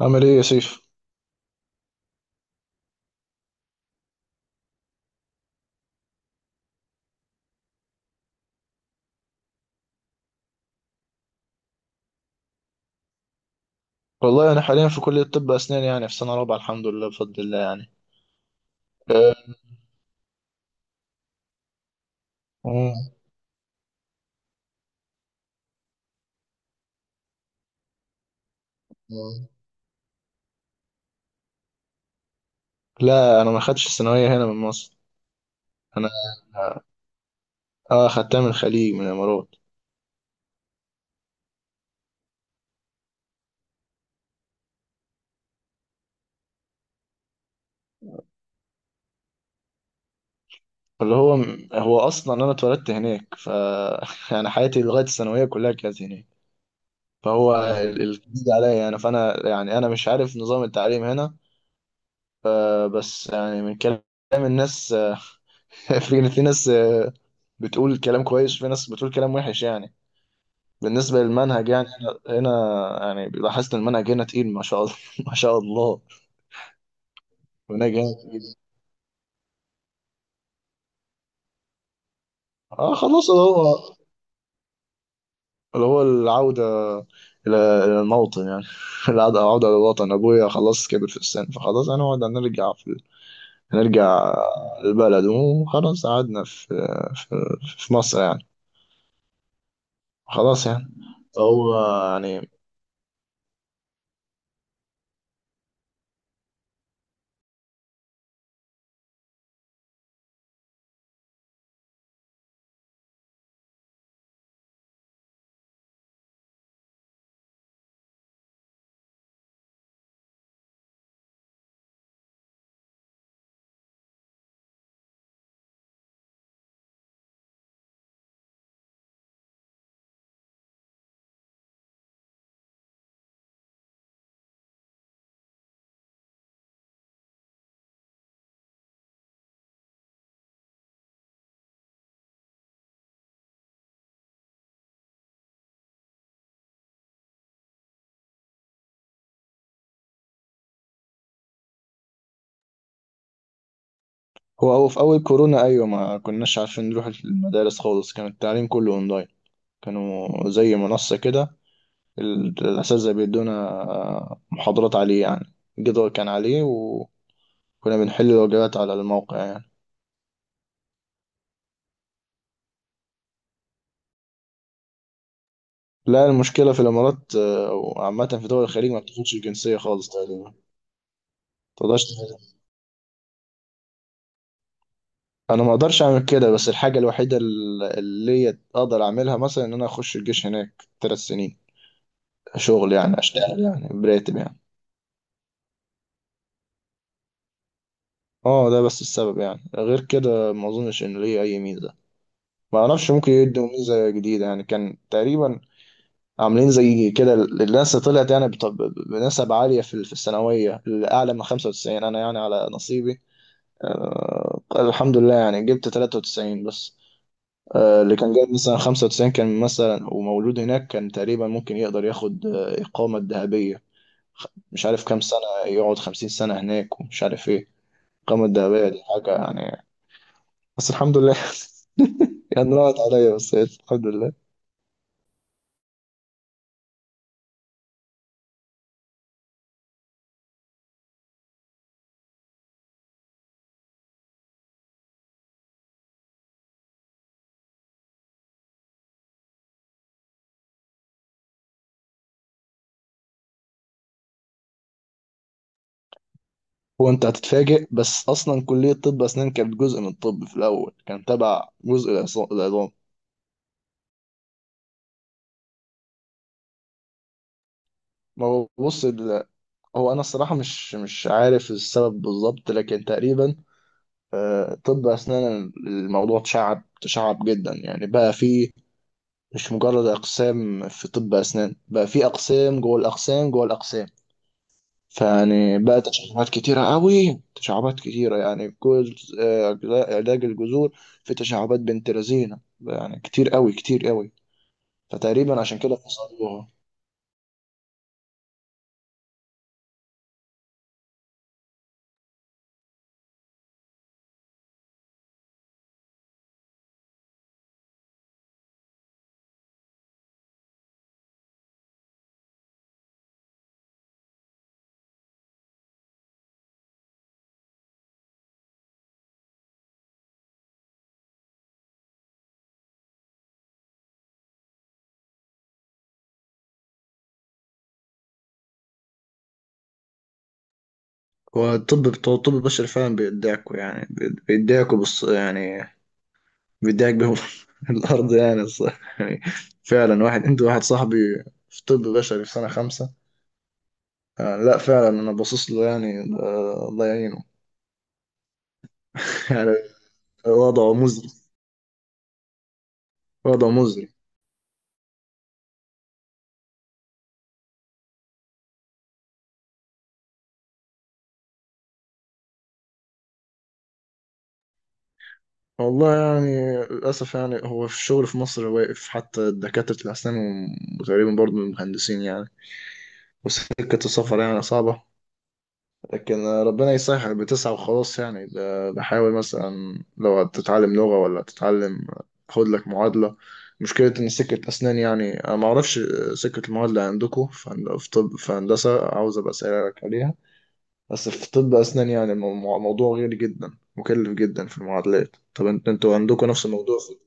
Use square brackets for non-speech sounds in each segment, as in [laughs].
عامل ايه يا سيف؟ والله انا حاليا في كلية طب اسنان يعني في سنة رابعة، الحمد لله بفضل الله يعني. أه. مم. مم. لا، انا ما خدتش الثانوية هنا من مصر، انا اه خدتها من الخليج، من الامارات. اللي هو هو اصلا انا اتولدت هناك ف [laughs] يعني حياتي لغاية الثانوية كلها كانت هناك، فهو الجديد عليا يعني، فانا يعني انا مش عارف نظام التعليم هنا. أه بس يعني من كلام الناس [laughs] في ناس بتقول كلام كويس وفي ناس بتقول كلام وحش يعني. بالنسبة للمنهج يعني هنا يعني لاحظت المنهج هنا تقيل ما شاء الله [laughs] ما شاء الله. المنهج هنا تقيل. اه خلاص، اللي هو العودة إلى إلى الموطن يعني. [laughs] العودة للوطن، أبويا خلاص كبر في السن، فخلاص هنقعد هنرجع البلد وخلاص قعدنا في في, في مصر يعني، خلاص يعني، هو يعني. هو في أول كورونا أيوة ما كناش عارفين نروح المدارس خالص، كان التعليم كله أونلاين، كانوا زي منصة كده، الأساتذة بيدونا محاضرات عليه يعني، الجدول كان عليه وكنا بنحل الواجبات على الموقع يعني. لا، المشكلة في الإمارات وعامة في دول الخليج ما بتاخدش الجنسية خالص تقريبا، تقدرش تاخدها. أنا ما أقدرش أعمل كده، بس الحاجة الوحيدة اللي أقدر أعملها مثلا إن أنا أخش الجيش هناك ثلاث سنين، شغل يعني، أشتغل يعني براتب يعني. اه، ده بس السبب يعني، غير كده ما أظنش إن ليه أي ميزة. ما أعرفش، ممكن يدوا ميزة جديدة يعني، كان تقريبا عاملين زي كده، الناس طلعت يعني بنسب عالية في الثانوية الأعلى من 95، أنا يعني على نصيبي أه الحمد لله يعني جبت 93 بس. أه، اللي كان جايب مثلا 95 كان مثلا ومولود هناك كان تقريبا ممكن يقدر ياخد إقامة ذهبية، مش عارف كام سنة، يقعد 50 سنة هناك، ومش عارف إيه الإقامة الذهبية دي حاجة يعني. بس الحمد لله [laughs] يعني راحت عليا، بس الحمد لله. هو انت هتتفاجئ، بس اصلا كليه طب اسنان كانت جزء من الطب في الاول، كان تبع جزء العظام. ما هو بص هو انا الصراحه مش عارف السبب بالظبط لكن تقريبا طب اسنان الموضوع اتشعب تشعب جدا يعني، بقى في، مش مجرد اقسام في طب اسنان، بقى في اقسام جوه الاقسام جوه الاقسام، فيعني بقى تشعبات كتيرة قوي، تشعبات كتيرة يعني، في جزء علاج الجذور، في تشعبات بنت لذينة يعني، كتير قوي كتير قوي، فتقريبا عشان كده فصلوها. هو الطب بتوع الطب البشري فعلا بيدعكوا يعني، بيدعكوا بص يعني، بيدعك بهم [laughs] الأرض يعني الصراحة يعني، فعلا واحد، أنت واحد صاحبي في طب بشري في سنة خمسة، آه لا فعلا أنا باصص له يعني، آه الله يعينه [laughs] يعني، وضعه مزري، وضعه مزري. والله يعني للأسف يعني هو في الشغل في مصر واقف حتى دكاترة الأسنان، وتقريبا برضه المهندسين يعني، وسكة السفر يعني صعبة، لكن ربنا يسهل، بتسعى وخلاص يعني، بحاول مثلا لو تتعلم لغة ولا تتعلم، خد لك معادلة. مشكلة إن سكة أسنان يعني أنا معرفش سكة المعادلة عندكم في في طب، في هندسة عاوز أبقى أسألك عليها، بس في طب أسنان يعني موضوع غير جدا، مكلف جدا في المعادلات، طب انتوا عندكم نفس الموضوع في؟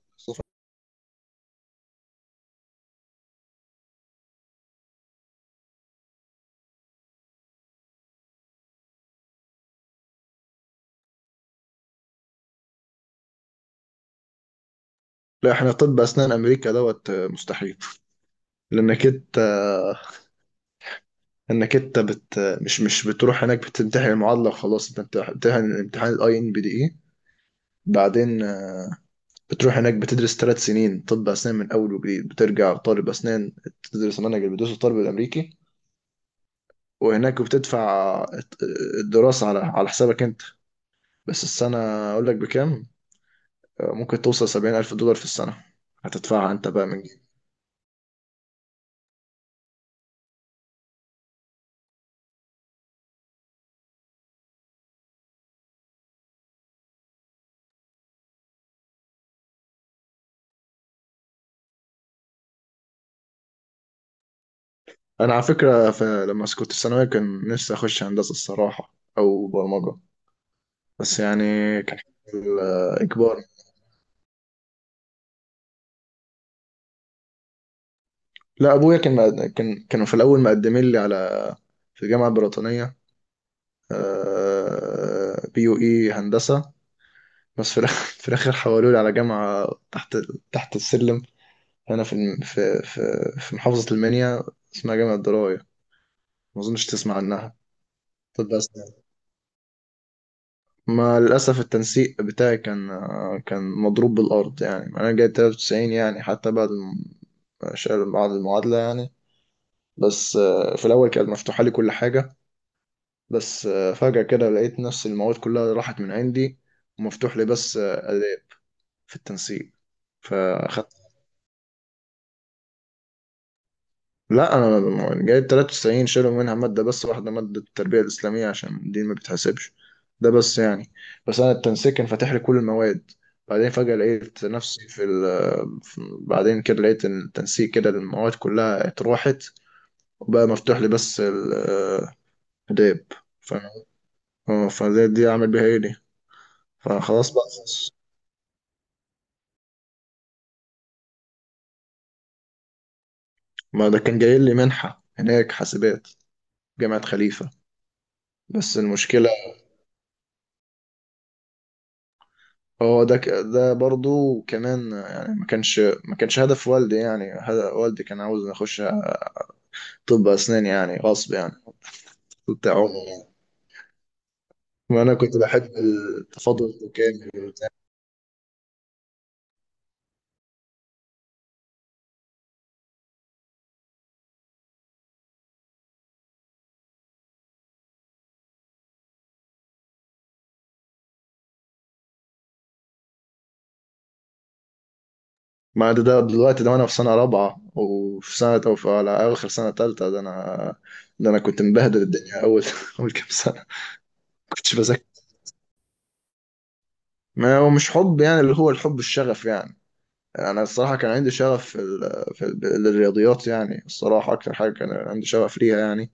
لا، احنا طب اسنان امريكا دوت مستحيل، لانك انت، انك انت بت مش بتروح هناك بتمتحن المعادله وخلاص، انت بتمتحن امتحان الاي ان بي دي اي، بعدين بتروح هناك بتدرس ثلاث سنين طب اسنان من اول وجديد، بترجع طالب اسنان تدرس المنهج اللي بيدرسه الطالب الامريكي، وهناك بتدفع الدراسه على حسابك انت، بس السنه اقول لك بكام ممكن توصل 70,000 دولار في السنه، هتدفعها انت بقى من. انا على فكره لما كنت في ثانويه كان نفسي اخش هندسه الصراحه او برمجه، بس يعني كان الاجبار. لا، ابويا كان كانوا في الاول مقدمين لي على، في الجامعه البريطانيه بي يو اي هندسه، بس في الاخر [laughs] في الاخر حولوا لي على جامعه تحت تحت السلم، هنا في في محافظه المنيا اسمها جامعه درايه، ما اظنش تسمع عنها. طب بس، ما للأسف التنسيق بتاعي كان مضروب بالأرض يعني، أنا جايب 93 يعني حتى بعد بعد المعادلة يعني، بس في الأول كانت مفتوحة لي كل حاجة، بس فجأة كده لقيت نفس المواد كلها راحت من عندي، ومفتوح لي بس آداب في التنسيق، فأخدت. لا، انا جايب 93، شالوا منها ماده بس واحده، ماده التربيه الاسلاميه، عشان دي ما بتحسبش، ده بس يعني. بس انا التنسيق كان فاتح لي كل المواد، بعدين فجاه لقيت نفسي في, ال... في بعدين كده لقيت إن التنسيق كده المواد كلها اتروحت، وبقى مفتوح لي بس الاداب، ف... آه، فده دي اعمل بيها ايه دي، فخلاص بقى. ما ده كان جاي لي منحه هناك حاسبات، جامعه خليفه. بس المشكله هو ده ده برضو كمان يعني ما كانش هدف والدي، يعني هدف والدي كان عاوز اخش طب اسنان يعني، غصب يعني [laughs] بتاع عمره يعني، ما انا كنت بحب التفاضل التكامل وبتاع. ما ده دلوقتي ده وانا في سنه رابعه، وفي سنه او في على اخر سنه ثالثه، ده انا كنت مبهدل الدنيا اول [laughs] اول كام سنه ما كنتش بذاكر. ما هو مش حب يعني، اللي هو الحب الشغف يعني. انا الصراحه كان عندي شغف الرياضيات يعني، الصراحه اكتر حاجه كان عندي شغف ليها يعني،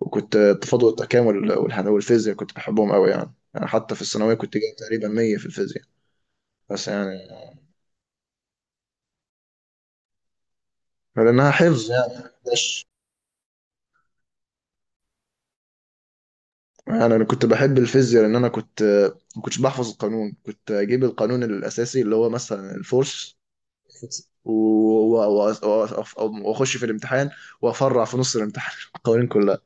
وكنت التفاضل والتكامل والفيزياء كنت بحبهم قوي يعني. يعني حتى في الثانوية كنت جايب تقريبا 100 في الفيزياء بس يعني، لأنها حفظ يعني، مش يعني. أنا كنت بحب الفيزياء لأن أنا كنت ما كنتش بحفظ القانون، كنت أجيب القانون الأساسي اللي هو مثلا الفورس، و- وأخش في الامتحان وأفرع في نص الامتحان [laughs] القوانين كلها.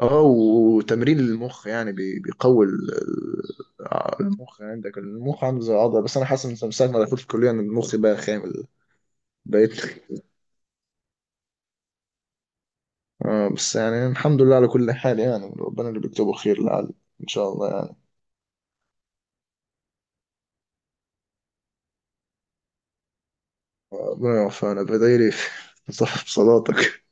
اه، وتمرين المخ يعني بيقوي المخ، يعني عندك المخ عندي زي العضله، بس انا حاسس ان من ساعه ما دخلت الكليه ان المخ بقى خامل، بقيت. اه بس يعني الحمد لله على كل حال يعني، ربنا اللي بيكتبه خير، لعل ان شاء الله يعني. ربنا يوفقنا، بدايلي في [laughs] في صف صلاتك.